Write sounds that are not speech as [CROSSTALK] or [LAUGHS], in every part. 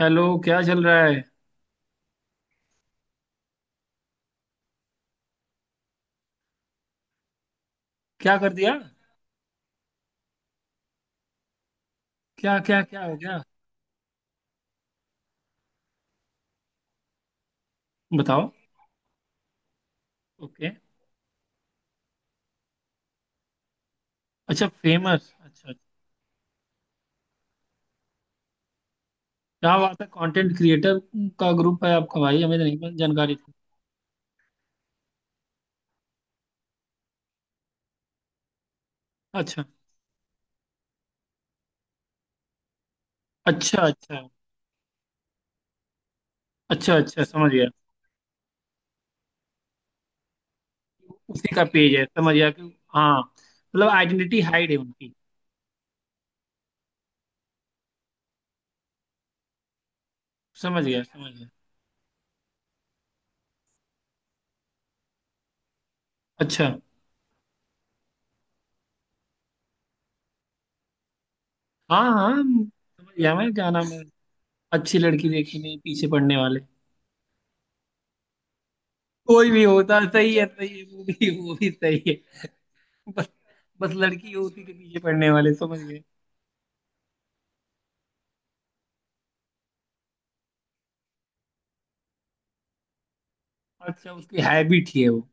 Hello, क्या चल रहा है। क्या कर दिया। क्या क्या क्या हो गया। बताओ। ओके। अच्छा, फेमस, अच्छा अच्छा। क्या बात है, कंटेंट क्रिएटर का ग्रुप है आपका, भाई हमें तो नहीं जानकारी थी। अच्छा अच्छा। अच्छा अच्छा। अच्छा समझ गया, उसी का पेज है, समझ गया कि हाँ, मतलब आइडेंटिटी हाइड है उनकी। समझ गया समझ गया। अच्छा। हाँ हाँ, समझ गया। मैं, क्या नाम है, अच्छी लड़की देखी नहीं पीछे पड़ने वाले। कोई भी होता, सही है सही है, वो भी सही है। बस, बस लड़की हो उसी के पीछे पड़ने वाले, समझ गए। अच्छा, उसकी हैबिट ही है वो।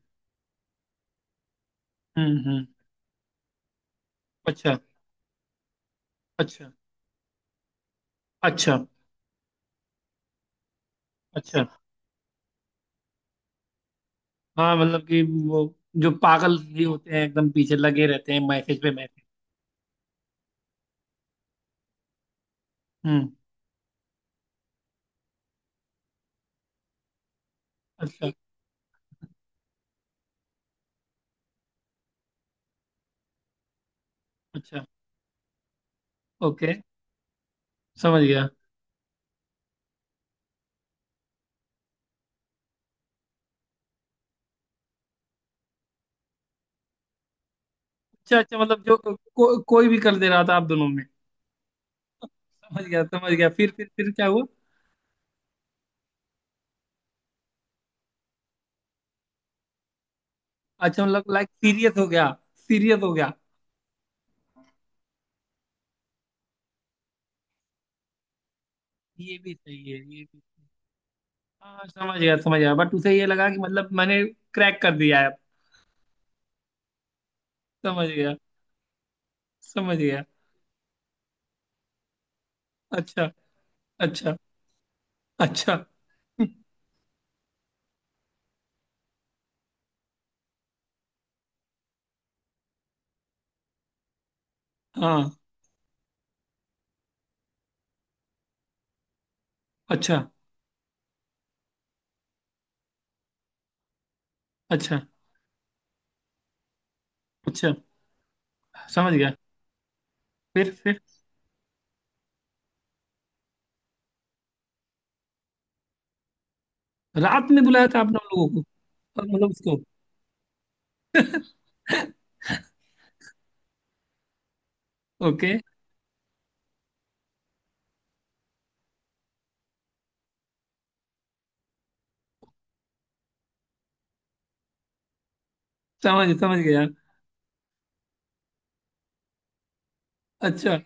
हम्म। अच्छा अच्छा। अच्छा अच्छा। हाँ मतलब कि वो जो पागल भी होते हैं एकदम पीछे लगे रहते हैं, मैसेज पे मैसेज। हम्म। अच्छा। अच्छा। ओके। समझ गया। अच्छा अच्छा, मतलब जो कोई भी कर दे रहा था आप दोनों में। समझ गया समझ गया। फिर क्या हुआ। अच्छा मतलब लाइक सीरियस हो गया, सीरियस हो गया। ये भी सही है, ये भी सही है। हाँ समझ गया समझ गया, बट उसे ये लगा कि मतलब मैंने क्रैक कर दिया है। समझ गया समझ गया। अच्छा। अच्छा। अच्छा। हाँ। अच्छा। अच्छा। अच्छा। समझ गया। फिर रात में बुलाया था आपने उन लोगों को। हाँ, मतलब उसको। [LAUGHS] ओके। समझ, समझ गया। अच्छा,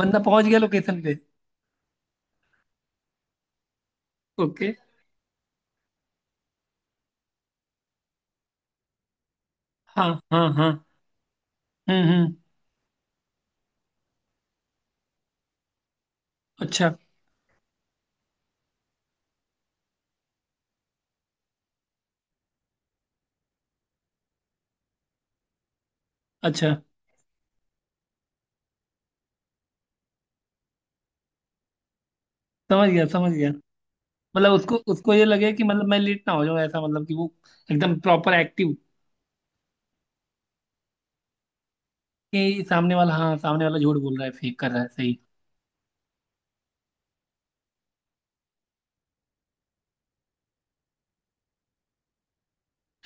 बंदा पहुंच गया लोकेशन पे। ओके। हाँ हाँ हाँ। हम्म। अच्छा। अच्छा, समझ गया समझ गया, मतलब उसको, उसको ये लगे कि मतलब मैं लेट ना हो जाऊं ऐसा, मतलब कि वो एकदम प्रॉपर एक्टिव। कि सामने वाला, हाँ, सामने वाला झूठ बोल रहा है, फेक कर रहा है। सही,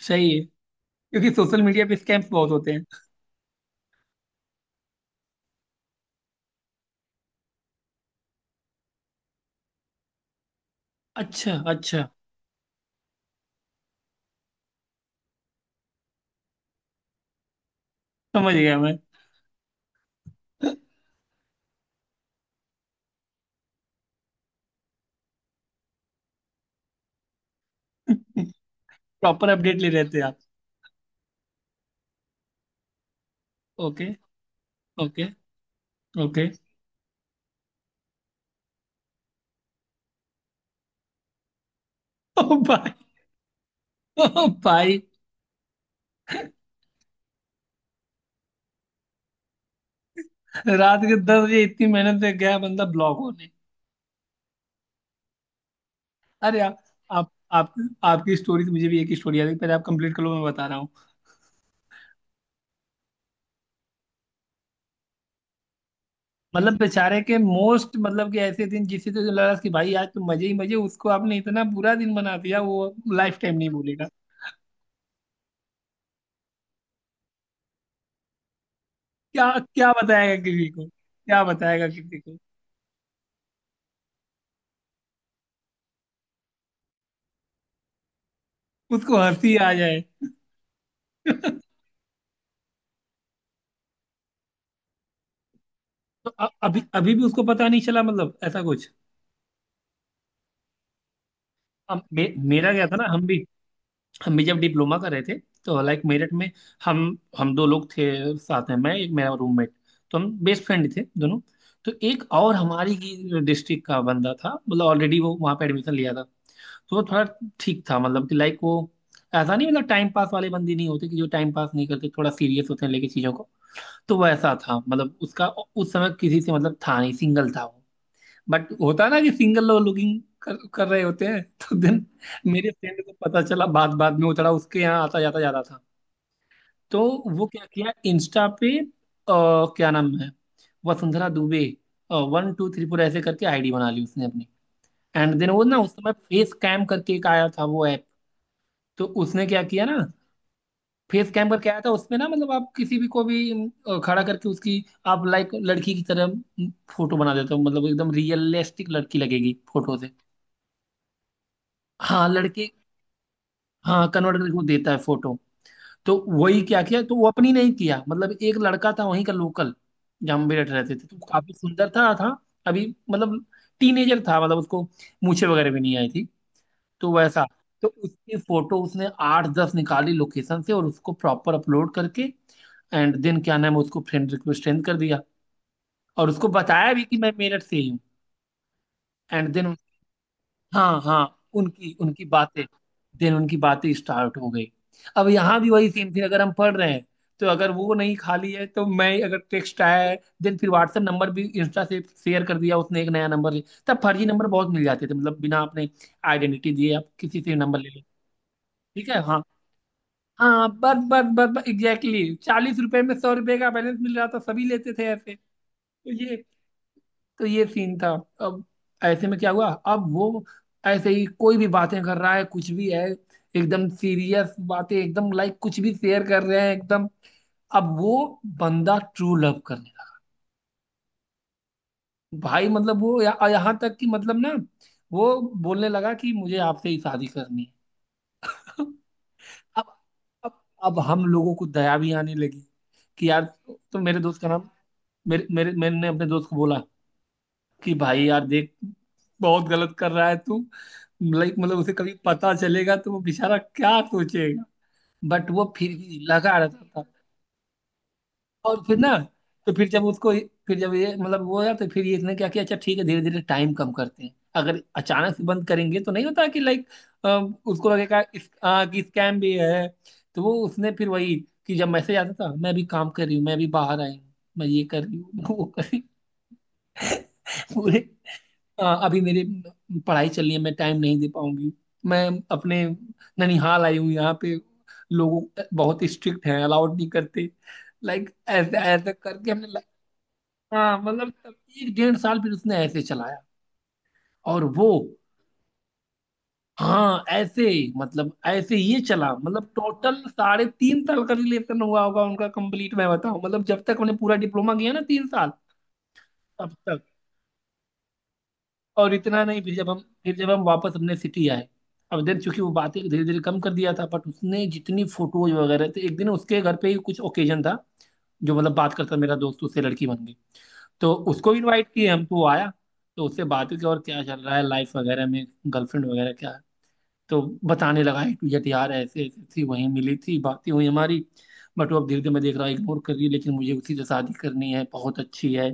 सही। क्योंकि सोशल मीडिया पे स्कैम्स बहुत होते हैं। अच्छा अच्छा, समझ गया मैं। [LAUGHS] प्रॉपर अपडेट ले रहे थे आप। ओके। ओके। ओके। ओ भाई, ओ भाई, रात के 10 बजे इतनी मेहनत से गया बंदा ब्लॉक होने। अरे आप, आपकी स्टोरी से मुझे भी एक ही स्टोरी आ गई, पहले आप कंप्लीट करो, मैं बता रहा हूँ। मतलब बेचारे के मोस्ट, मतलब कि ऐसे दिन जिससे तो लगा कि भाई आज तो मजे ही मजे, उसको आपने इतना बुरा दिन बना दिया, वो लाइफ टाइम नहीं भूलेगा। क्या क्या बताएगा किसी को, क्या बताएगा किसी को। उसको हंसी आ जाए। [LAUGHS] तो अभी अभी भी उसको पता नहीं चला मतलब, ऐसा कुछ। हम मेरा क्या था ना, हम भी जब डिप्लोमा कर रहे थे, तो लाइक मेरठ में, हम हम दो लोग थे साथ में, मैं एक मेरा रूममेट, तो हम बेस्ट फ्रेंड थे दोनों। तो एक और हमारी ही डिस्ट्रिक्ट का बंदा था, मतलब ऑलरेडी वो वहाँ पे एडमिशन लिया था। तो वो थोड़ा ठीक था, मतलब कि लाइक वो ऐसा नहीं, मतलब टाइम पास वाले बंदे नहीं होते कि जो, टाइम पास नहीं करते, थोड़ा सीरियस होते हैं लेके चीज़ों को। तो वैसा था, मतलब उसका उस समय किसी से मतलब था नहीं, सिंगल था वो। बट होता है ना कि सिंगल लोग लुकिंग कर रहे होते हैं। [LAUGHS] तो दिन, मेरे फ्रेंड को पता चला बाद बाद में, वो थोड़ा उसके यहाँ आता जाता जाता था। तो वो क्या किया, इंस्टा पे क्या नाम है, वसुंधरा दुबे 1234 ऐसे करके आईडी बना ली उसने अपनी। एंड देन वो ना उस समय फेस कैम करके एक आया था वो ऐप, तो उसने क्या किया ना, फेस कैम करके आया था उसमें ना, मतलब आप किसी भी को भी, खड़ा करके उसकी आप लाइक लड़की की तरह फोटो बना देते हो, मतलब एकदम रियलिस्टिक लड़की लगेगी फोटो से। हाँ लड़की, हाँ, कन्वर्ट करके वो देता है फोटो। तो वही क्या किया, तो वो अपनी नहीं किया, मतलब एक लड़का था वहीं का लोकल, जहाँ हम भी रहते रहते थे, तो वो काफी सुंदर था। अभी मतलब टीनेजर था, मतलब उसको मूछें वगैरह भी नहीं आई थी। तो वैसा, तो उसकी फोटो उसने 8-10 निकाली लोकेशन से, और उसको प्रॉपर अपलोड करके एंड देन, क्या नाम है, उसको फ्रेंड रिक्वेस्ट सेंड कर दिया। और उसको बताया भी कि मैं मेरठ से ही हूँ। एंड देन हाँ हाँ, उनकी उनकी बातें, देन उनकी बातें स्टार्ट हो गई। अब यहाँ भी वही सेम थिंग, अगर हम पढ़ रहे हैं तो, अगर वो नहीं खाली है तो मैं, अगर टेक्स्ट आया है देन, फिर व्हाट्सएप नंबर भी इंस्टा से शेयर कर दिया उसने। एक नया नंबर ले, तब फर्जी नंबर बहुत मिल जाते थे, मतलब बिना आपने आइडेंटिटी दिए आप किसी से नंबर ले लो। ठीक है हाँ हाँ, बस बस बस बस, एग्जैक्टली 40 रुपए में 100 रुपए का बैलेंस मिल रहा था, सभी लेते थे ऐसे। तो ये, तो ये सीन था। अब ऐसे में क्या हुआ, अब वो ऐसे ही कोई भी बातें कर रहा है, कुछ भी है, एकदम सीरियस बातें, एकदम लाइक कुछ भी शेयर कर रहे हैं एकदम। अब वो बंदा ट्रू लव करने लगा। भाई, मतलब वो यहाँ तक कि मतलब ना, वो बोलने लगा कि मुझे आपसे ही शादी करनी है। [LAUGHS] अब अब अब हम लोगों को दया भी आने लगी कि यार, तो मेरे दोस्त का नाम, मेरे मेरे मैंने अपने दोस्त को बोला कि भाई यार देख, बहुत गलत कर रहा है तू, लाइक मतलब उसे कभी पता चलेगा तो वो बेचारा क्या सोचेगा। बट वो फिर भी लगा रहता था। और फिर ना, तो फिर जब उसको, फिर जब ये मतलब वो यार, तो फिर ये इसने क्या किया, अच्छा ठीक है धीरे धीरे टाइम कम करते हैं, अगर अचानक से बंद करेंगे तो नहीं होता कि लाइक उसको लगेगा कि स्कैम भी है। तो वो उसने फिर वही, कि जब मैसेज आता था, मैं भी काम कर रही हूँ, मैं भी बाहर आई हूँ, मैं ये कर रही हूँ, [LAUGHS] वो कर रही हूँ पूरे। हाँ, अभी मेरी पढ़ाई चल रही है मैं टाइम नहीं दे पाऊंगी, मैं अपने ननिहाल आई हूँ यहाँ पे, लोग बहुत स्ट्रिक्ट हैं अलाउड नहीं करते, लाइक ऐसे ऐसे करके हमने like, हाँ मतलब 1-1.5 साल फिर उसने ऐसे चलाया। और वो हाँ ऐसे, मतलब ऐसे ये चला, मतलब टोटल 3.5 साल का रिलेशन हुआ होगा उनका कंप्लीट, मैं बताऊं, मतलब जब तक हमने पूरा डिप्लोमा किया ना, 3 साल तब तक। और इतना नहीं, फिर जब हम, फिर जब हम वापस अपने सिटी आए, अब देन चूंकि वो बातें धीरे धीरे कम कर दिया था, बट उसने जितनी फोटोज वगैरह थे, एक दिन उसके घर पे ही कुछ ओकेजन था, जो मतलब बात करता मेरा दोस्त उससे लड़की बन गई, तो उसको इनवाइट किए हम, तो वो आया। तो उससे बातें की और क्या चल रहा है लाइफ वगैरह में, गर्लफ्रेंड वगैरह क्या, तो बताने लगा A to Z, यार ऐसे ऐसे थी, वहीं मिली थी, बातें हुई हमारी, बट वो अब धीरे धीरे मैं देख रहा इग्नोर कर रही है, लेकिन मुझे उसी से शादी करनी है, बहुत अच्छी है,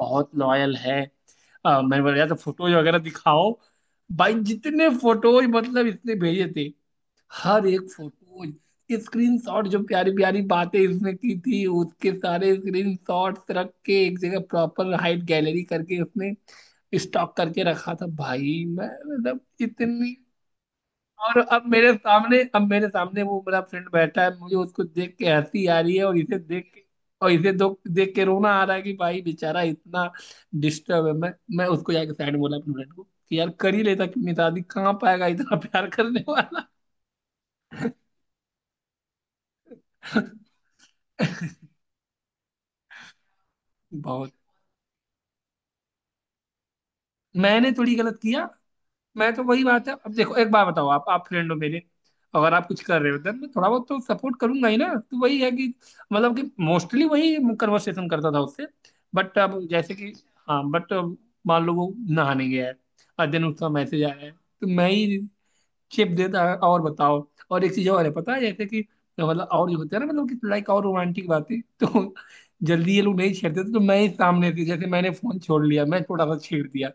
बहुत लॉयल है। मैंने बोला यार तो फोटोज वगैरह दिखाओ, भाई जितने फोटोज मतलब इसने भेजे थे, हर एक फोटोज, स्क्रीनशॉट, जो प्यारी प्यारी बातें इसने की थी उसके सारे स्क्रीनशॉट्स रख के एक जगह प्रॉपर हाइट गैलरी करके उसने स्टॉक करके रखा था। भाई मैं मतलब इतनी, और अब मेरे सामने, अब मेरे सामने वो मेरा फ्रेंड बैठा है, मुझे उसको देख के हंसी आ रही है, और इसे देख के, और इसे दो देख के रोना आ रहा है कि भाई बेचारा इतना डिस्टर्ब है। मैं उसको जाके साइड में बोला अपने फ्रेंड को कि यार कर ही लेता कि, अपनी शादी कहाँ पाएगा इतना प्यार करने वाला। [LAUGHS] बहुत, मैंने थोड़ी गलत किया, मैं तो वही बात है, अब देखो एक बात बताओ, आप फ्रेंड हो मेरे, अगर आप कुछ कर रहे हो देन मैं थोड़ा बहुत तो सपोर्ट करूंगा ही ना। तो वही है कि मतलब कि मोस्टली वही कन्वर्सेशन करता था उससे, बट अब जैसे कि हाँ बट, मान लो वो नहाने गया है और देन उसका मैसेज आया है, तो मैं ही शेप देता है और बताओ। और एक चीज और है पता है, जैसे कि मतलब और जो होता है ना, मतलब कि लाइक और रोमांटिक बातें तो जल्दी ये लोग नहीं छेड़ते थे, तो मैं ही सामने से, जैसे मैंने फोन छोड़ लिया, मैं थोड़ा सा छेड़ दिया,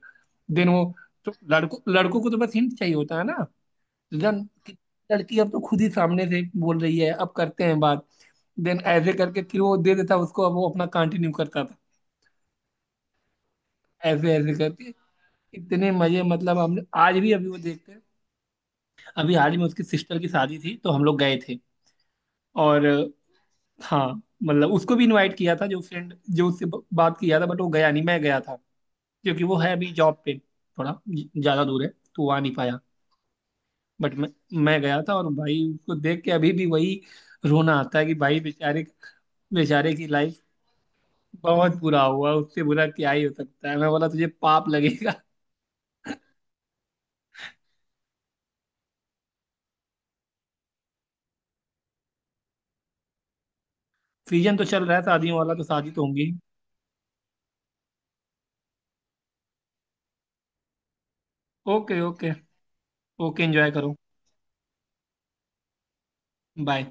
देन वो, तो लड़कों लड़कों को तो बस हिंट चाहिए होता है ना, तो जन कि लड़की अब तो खुद ही सामने से बोल रही है अब करते हैं बात। देन ऐसे करके फिर वो दे देता, उसको अब वो अपना कंटिन्यू करता था ऐसे ऐसे करके। इतने मजे, मतलब हमने आज भी अभी वो देखते हैं। अभी हाल ही में उसकी सिस्टर की शादी थी तो हम लोग गए थे, और हाँ मतलब उसको भी इनवाइट किया था, जो फ्रेंड जो उससे बात किया था, बट वो गया नहीं, मैं गया था, क्योंकि वो है अभी जॉब पे, थोड़ा ज्यादा दूर है तो वो आ नहीं पाया। बट मैं गया था, और भाई उसको देख के अभी भी वही रोना आता है कि भाई बेचारे, बेचारे की लाइफ, बहुत बुरा हुआ, उससे बुरा क्या ही हो सकता है, मैं बोला तुझे पाप लगेगा। सीजन तो चल रहा है शादियों वाला, तो शादी तो होंगी। Okay okay. ओके, एंजॉय करो। बाय।